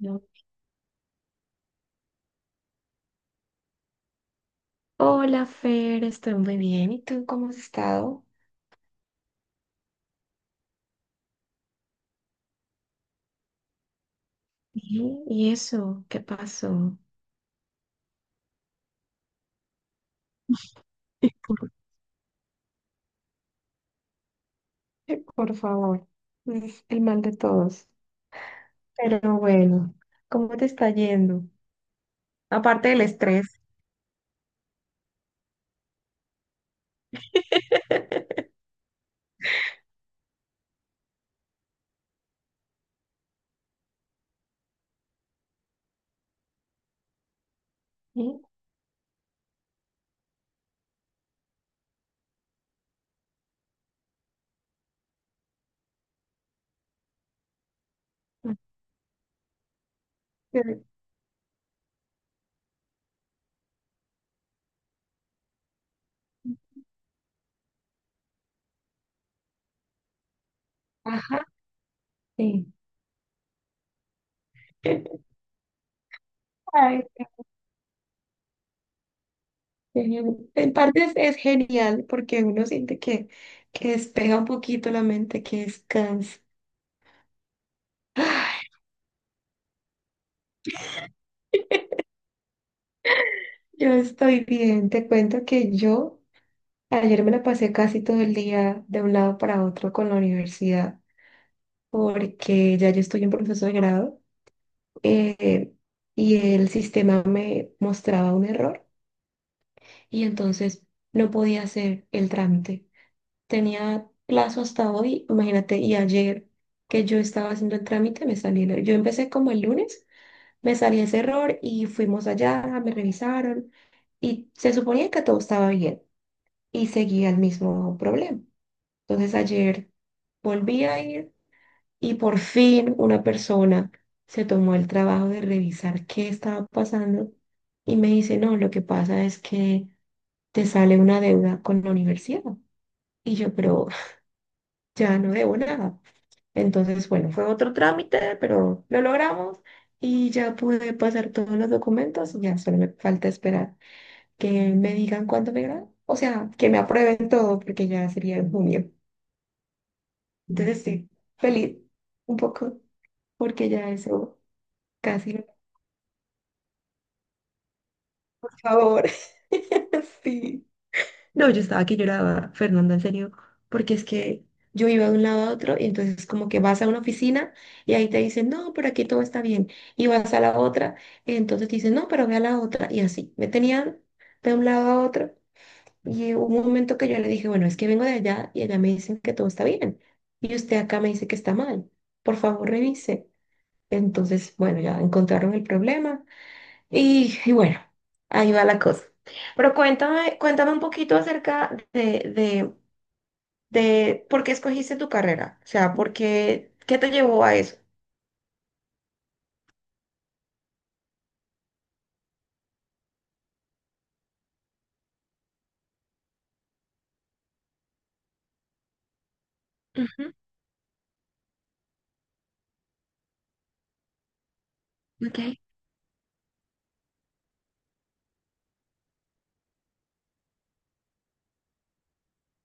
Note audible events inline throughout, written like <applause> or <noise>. No. Hola, Fer, estoy muy bien. ¿Y tú cómo has estado? Sí, ¿y eso? ¿Qué pasó? <laughs> Por favor, es el mal de todos. Pero bueno, ¿cómo te está yendo? Aparte del estrés. ¿Sí? Eh, Ajá, sí. <laughs> Ay, genial. En parte es genial porque uno siente que despeja un poquito la mente, que descansa. Ay, yo estoy bien. Te cuento que yo ayer me la pasé casi todo el día de un lado para otro con la universidad, porque ya yo estoy en proceso de grado eh, y el sistema me mostraba un error y entonces no podía hacer el trámite. Tenía plazo hasta hoy, imagínate, y ayer que yo estaba haciendo el trámite me salió el error. Yo empecé como el lunes, me salió ese error y fuimos allá, me revisaron y se suponía que todo estaba bien y seguía el mismo problema. Entonces ayer volví a ir y por fin una persona se tomó el trabajo de revisar qué estaba pasando y me dice, no, lo que pasa es que te sale una deuda con la universidad. Y yo, pero <laughs> ya no debo nada. Entonces, bueno, fue otro trámite, pero lo logramos y ya pude pasar todos los documentos. Ya solo me falta esperar que me digan cuándo me gradué. O sea, que me aprueben todo porque ya sería en junio. Entonces, sí, feliz un poco. Porque ya eso casi no, por favor. <laughs> Sí. No, yo estaba que lloraba, Fernanda, en serio, porque es que yo iba de un lado a otro y entonces como que vas a una oficina y ahí te dicen, no, pero aquí todo está bien. Y vas a la otra y entonces te dicen, no, pero ve a la otra. Y así, me tenían de un lado a otro y hubo un momento que yo le dije, bueno, es que vengo de allá y allá me dicen que todo está bien. Y usted acá me dice que está mal. Por favor, revise. Entonces, bueno, ya encontraron el problema. Y bueno, ahí va la cosa. Pero cuéntame, cuéntame un poquito acerca de por qué escogiste tu carrera. O sea, por qué, qué te llevó a eso. Ujú, ok,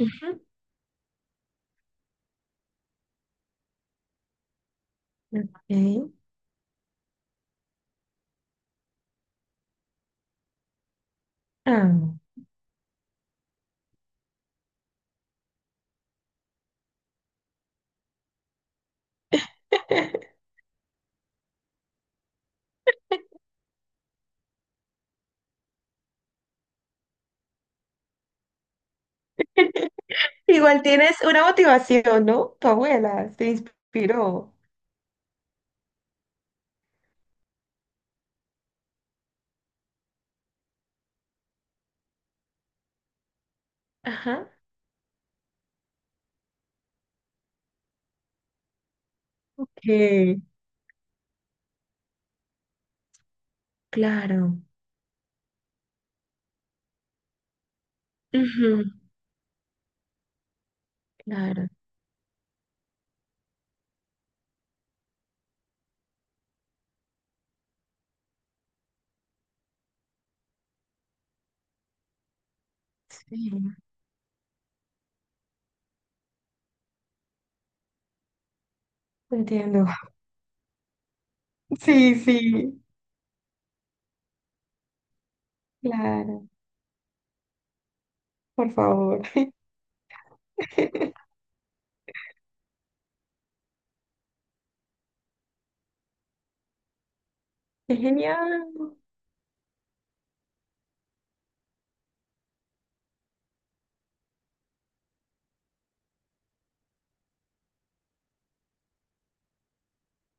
ujú, ok. Ah. <laughs> Igual tienes una motivación, ¿no? Tu abuela te inspiró. Ajá. Ok, claro. Ujú, claro. Sí, te entiendo. <laughs> Sí, sí. Claro, por favor. <laughs> Qué genial.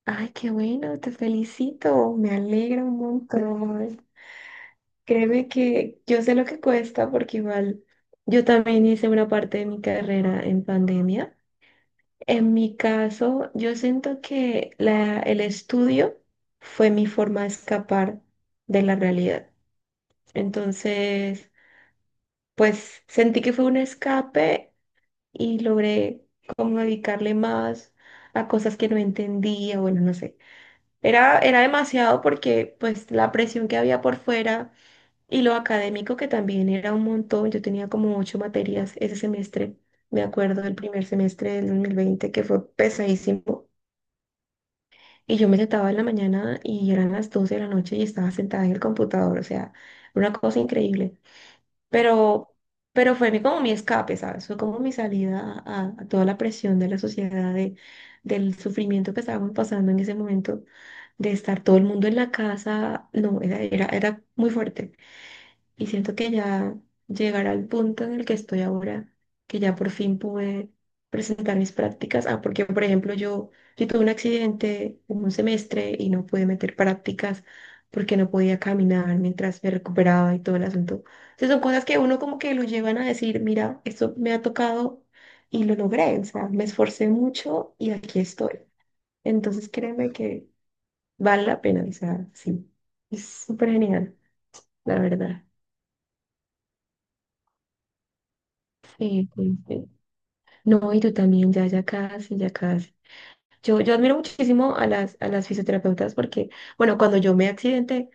Ay, qué bueno, te felicito, me alegra un montón. Créeme que yo sé lo que cuesta porque igual yo también hice una parte de mi carrera en pandemia. En mi caso, yo siento que el estudio fue mi forma de escapar de la realidad. Entonces, pues sentí que fue un escape y logré como dedicarle más a cosas que no entendía, bueno, no sé. Era demasiado porque pues la presión que había por fuera y lo académico que también era un montón. Yo tenía como ocho materias ese semestre, me acuerdo del primer semestre del 2020 que fue pesadísimo. Y yo me sentaba en la mañana y eran las 12 de la noche y estaba sentada en el computador. O sea, una cosa increíble. Pero, pero fue mi, como mi escape, ¿sabes? Fue como mi salida a toda la presión de la sociedad, del sufrimiento que estábamos pasando en ese momento, de estar todo el mundo en la casa. No, era muy fuerte. Y siento que ya llegar al punto en el que estoy ahora, que ya por fin pude presentar mis prácticas. Ah, porque por ejemplo yo, tuve un accidente un semestre y no pude meter prácticas porque no podía caminar mientras me recuperaba y todo el asunto. Entonces son cosas que uno como que lo llevan a decir, mira, esto me ha tocado y lo logré. O sea, me esforcé mucho y aquí estoy. Entonces créeme que vale la pena. O sea, sí, es súper genial, la verdad. Sí, sí, sí. No, y tú también, ya, ya casi, ya casi. Yo admiro muchísimo a las fisioterapeutas porque, bueno, cuando yo me accidenté,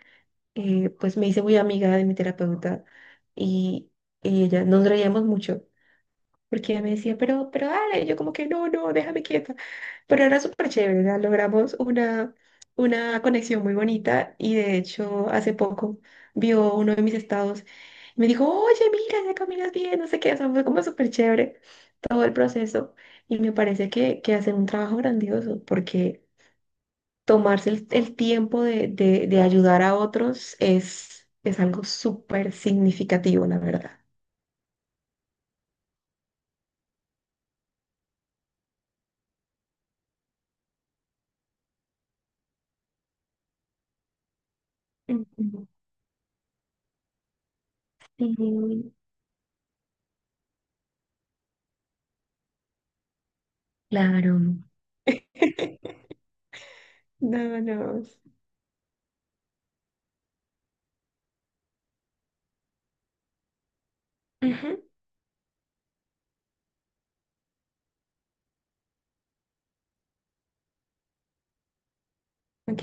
pues me hice muy amiga de mi terapeuta y, y ella nos reíamos mucho porque ella me decía, pero dale, y yo como que no, no, déjame quieta. Pero era súper chévere, ¿verdad? Logramos una conexión muy bonita y de hecho hace poco vio uno de mis estados y me dijo, oye, mira, ya caminas bien, no sé qué, o sea, fue como súper chévere todo el proceso y me parece que hacen un trabajo grandioso porque tomarse el tiempo de ayudar a otros es algo súper significativo, la verdad. Ujú, ujú. Claro. <laughs> No, no. Ujú, ok.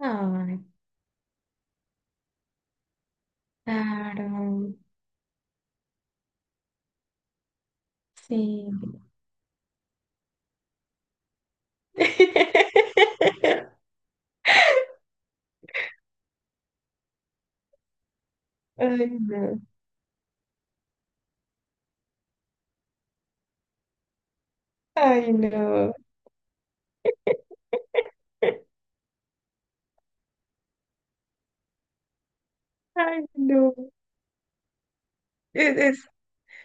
Ay, claro. Sí. <laughs> Ay, no. Ay, no. <laughs> Ay, no. Es, es,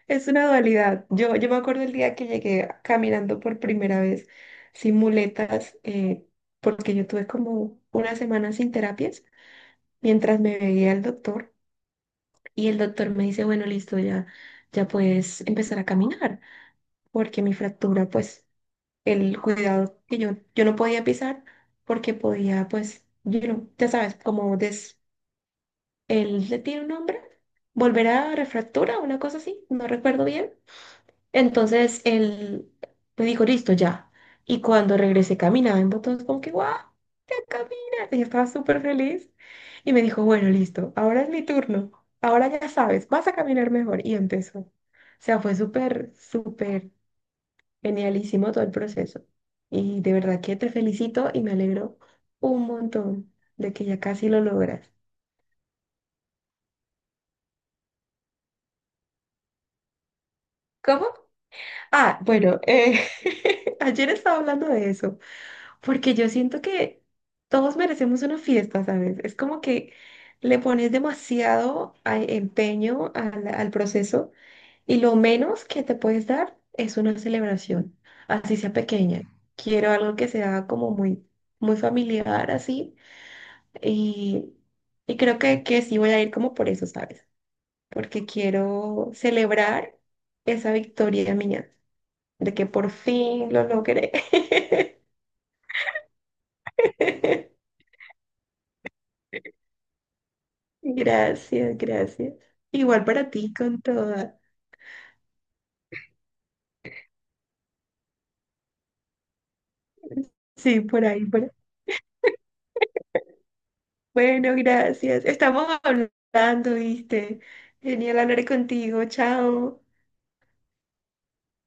es una dualidad. Yo me acuerdo el día que llegué caminando por primera vez sin muletas, porque yo tuve como una semana sin terapias mientras me veía el doctor y el doctor me dice, bueno, listo, ya, ya puedes empezar a caminar, porque mi fractura pues el cuidado que yo, no podía pisar porque podía, pues, ya sabes, él le tiene un nombre, volver a refractura, una cosa así, no recuerdo bien. Entonces él me dijo, listo, ya. Y cuando regresé caminaba en botones como que, guau, ya caminas. Y yo estaba súper feliz. Y me dijo, bueno, listo, ahora es mi turno. Ahora ya sabes, vas a caminar mejor. Y empezó. O sea, fue súper, súper genialísimo todo el proceso. Y de verdad que te felicito y me alegro un montón de que ya casi lo logras. ¿Cómo? Ah, bueno, <laughs> ayer estaba hablando de eso, porque yo siento que todos merecemos una fiesta, ¿sabes? Es como que le pones demasiado empeño al proceso y lo menos que te puedes dar es una celebración, así sea pequeña. Quiero algo que sea como muy, muy familiar, así. Y, y creo que sí voy a ir como por eso, ¿sabes? Porque quiero celebrar esa victoria mía, de que por fin lo logré. <laughs> Gracias, gracias. Igual para ti con toda. Sí, por ahí. Bueno, gracias. Estamos hablando, ¿viste? Genial hablar contigo. Chao.